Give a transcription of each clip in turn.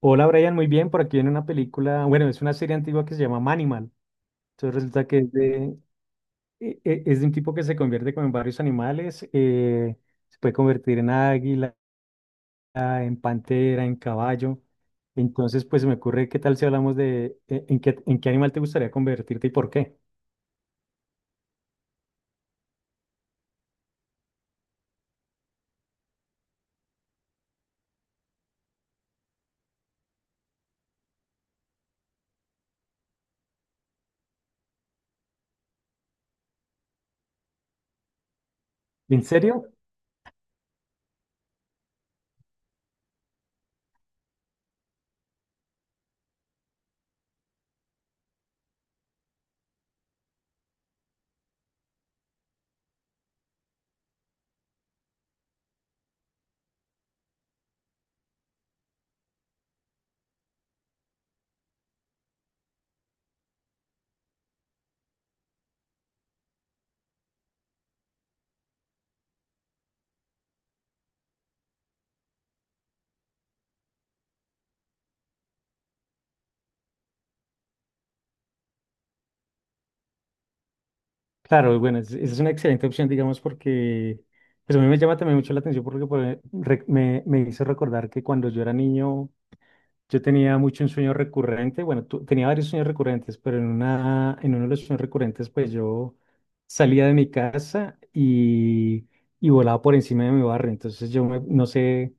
Hola Brian, muy bien. Por aquí viene una película, bueno, es una serie antigua que se llama Manimal. Entonces resulta que es de, es de un tipo que se convierte como en varios animales. Se puede convertir en águila, en pantera, en caballo. Entonces, pues se me ocurre, ¿qué tal si hablamos de en qué animal te gustaría convertirte y por qué? ¿En serio? Claro, bueno, esa es una excelente opción, digamos, porque pues a mí me llama también mucho la atención porque me, me hizo recordar que cuando yo era niño yo tenía mucho un sueño recurrente, bueno, tenía varios sueños recurrentes, pero en una, en uno de los sueños recurrentes, pues yo salía de mi casa y volaba por encima de mi barrio. Entonces no sé,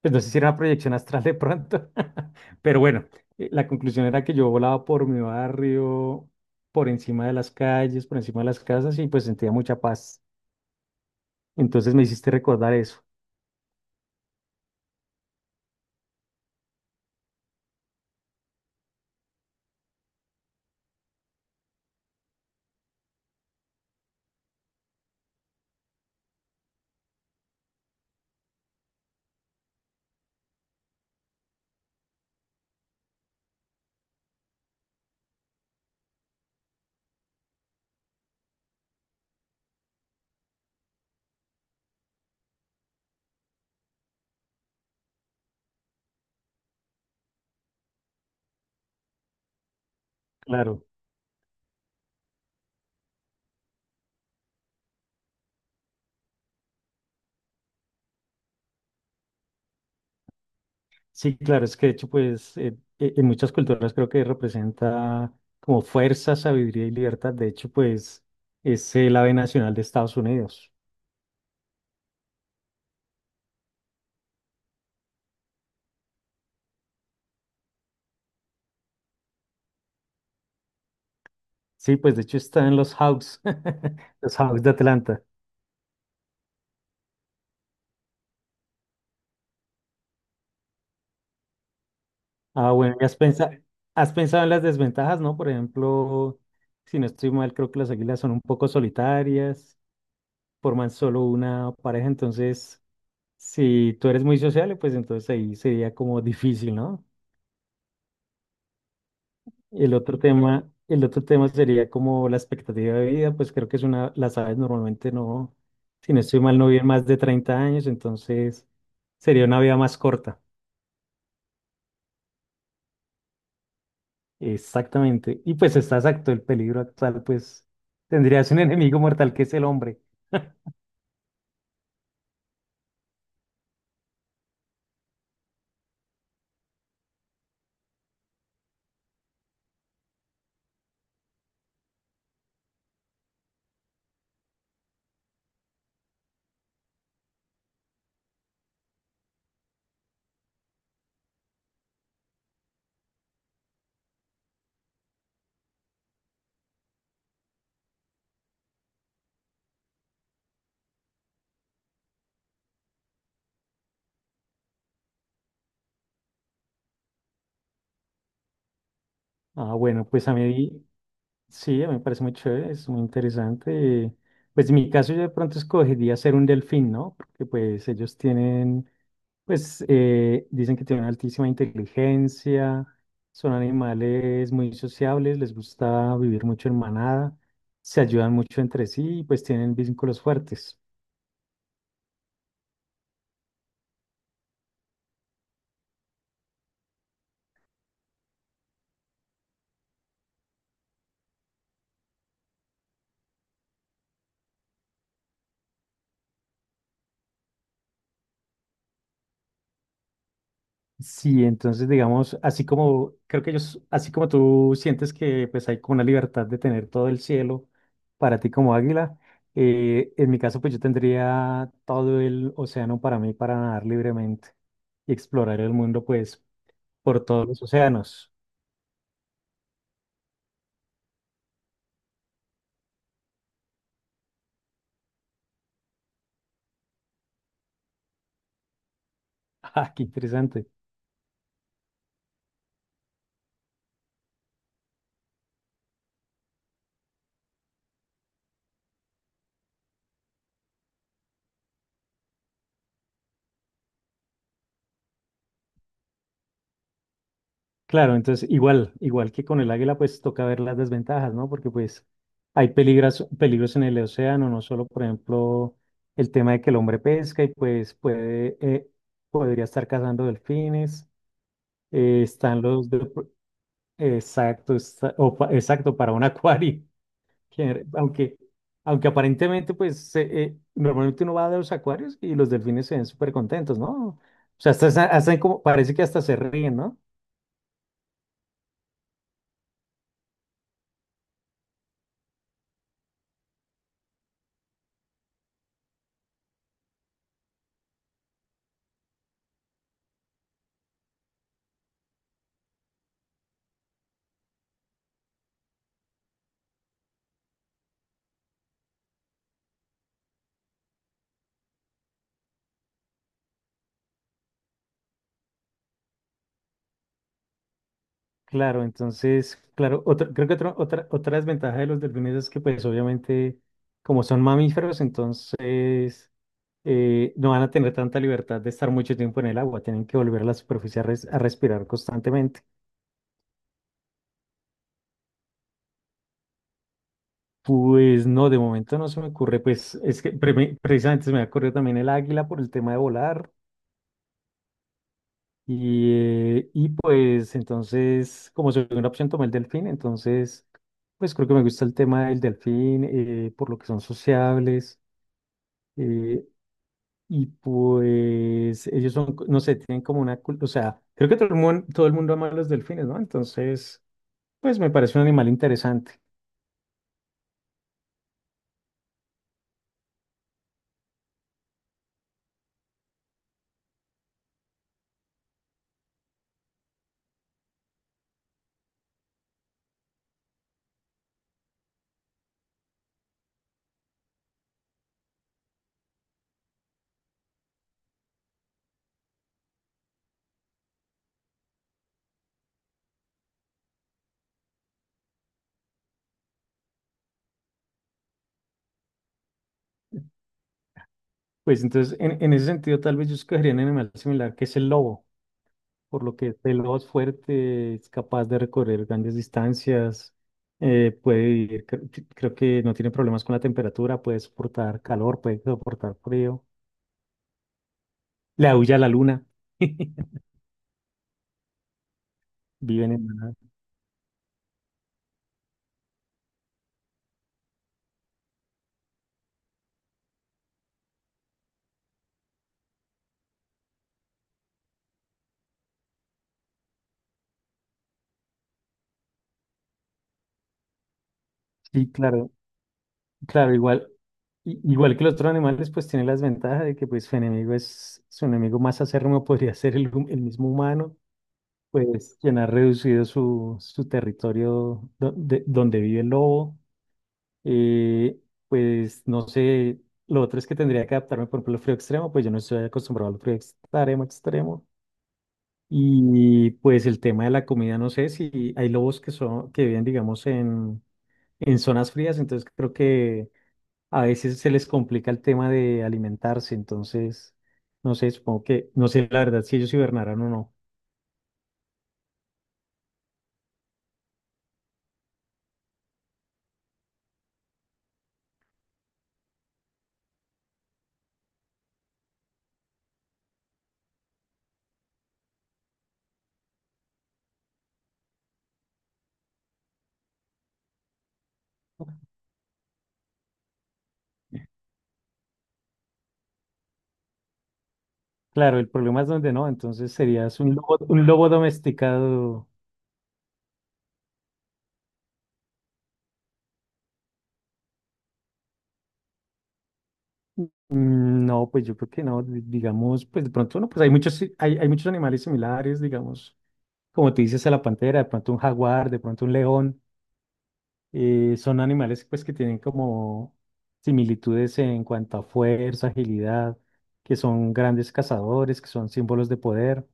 pues no sé si era una proyección astral de pronto, pero bueno, la conclusión era que yo volaba por mi barrio, por encima de las calles, por encima de las casas y pues sentía mucha paz. Entonces me hiciste recordar eso, claro. Sí, claro, es que de hecho, pues en muchas culturas creo que representa como fuerza, sabiduría y libertad. De hecho, pues es el ave nacional de Estados Unidos. Sí, pues de hecho está en los Hawks, los Hawks de Atlanta. Ah, bueno, ¿y has pensado en las desventajas, ¿no? Por ejemplo, si no estoy mal, creo que las águilas son un poco solitarias, forman solo una pareja, entonces si tú eres muy sociable, pues entonces ahí sería como difícil, ¿no? El otro tema sería como la expectativa de vida, pues creo que es una, las aves normalmente no, si no estoy mal, no viven más de 30 años, entonces sería una vida más corta. Exactamente. Y pues está exacto, el peligro actual, pues tendrías un enemigo mortal que es el hombre. Ah, bueno, pues a mí, sí, a mí me parece muy chévere, es muy interesante. Pues en mi caso yo de pronto escogería ser un delfín, ¿no? Porque pues ellos tienen, pues dicen que tienen altísima inteligencia, son animales muy sociables, les gusta vivir mucho en manada, se ayudan mucho entre sí y pues tienen vínculos fuertes. Sí, entonces digamos, así como creo que ellos, así como tú sientes que pues hay como una libertad de tener todo el cielo para ti como águila, en mi caso pues yo tendría todo el océano para mí para nadar libremente y explorar el mundo pues por todos los océanos. Ah, qué interesante. Claro, entonces igual, igual que con el águila, pues toca ver las desventajas, ¿no? Porque pues hay peligros, peligros en el océano, no solo, por ejemplo, el tema de que el hombre pesca y pues puede, podría estar cazando delfines, están los, exacto, exacto, para un acuario, que aunque, aunque aparentemente, normalmente uno va a los acuarios y los delfines se ven súper contentos, ¿no? O sea, hasta, hasta como, parece que hasta se ríen, ¿no? Claro, entonces, claro, otra, creo que otra, otra desventaja de los delfines es que pues obviamente como son mamíferos, entonces no van a tener tanta libertad de estar mucho tiempo en el agua, tienen que volver a la superficie a, a respirar constantemente. Pues no, de momento no se me ocurre, pues es que precisamente se me ha ocurrido también el águila por el tema de volar y pues entonces como segunda opción tomé el delfín, entonces pues creo que me gusta el tema del delfín, por lo que son sociables. Eh, y pues ellos son, no sé, tienen como una cultura, o sea, creo que todo el mundo ama a los delfines, ¿no? Entonces, pues me parece un animal interesante. Pues entonces, en ese sentido, tal vez yo escogería un animal similar que es el lobo, por lo que el lobo es fuerte, es capaz de recorrer grandes distancias, puede vivir, creo que no tiene problemas con la temperatura, puede soportar calor, puede soportar frío, le aúlla a la luna, viven en... Sí, claro. Claro, igual, igual que los otros animales, pues tiene las ventajas de que pues su enemigo es, su enemigo más acérrimo podría ser el, el mismo humano, pues quien ha reducido su, su territorio donde vive el lobo. Eh, pues no sé, lo otro es que tendría que adaptarme, por ejemplo, al frío extremo, pues yo no estoy acostumbrado al frío extremo, extremo. Y pues el tema de la comida, no sé si hay lobos que son, que viven, digamos, en zonas frías, entonces creo que a veces se les complica el tema de alimentarse, entonces, no sé, supongo que, no sé la verdad si ellos hibernaran o no. Claro, el problema es donde no, entonces serías un lobo domesticado. Mm, no, pues yo creo que no, digamos, pues de pronto no, pues hay muchos, hay, hay muchos animales similares, digamos, como tú dices a la pantera, de pronto un jaguar, de pronto un león, son animales pues que tienen como similitudes en cuanto a fuerza, agilidad, que son grandes cazadores, que son símbolos de poder.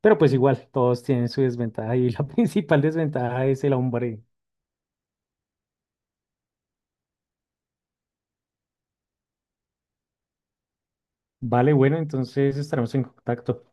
Pero pues igual, todos tienen su desventaja y la principal desventaja es el hombre. Vale, bueno, entonces estaremos en contacto.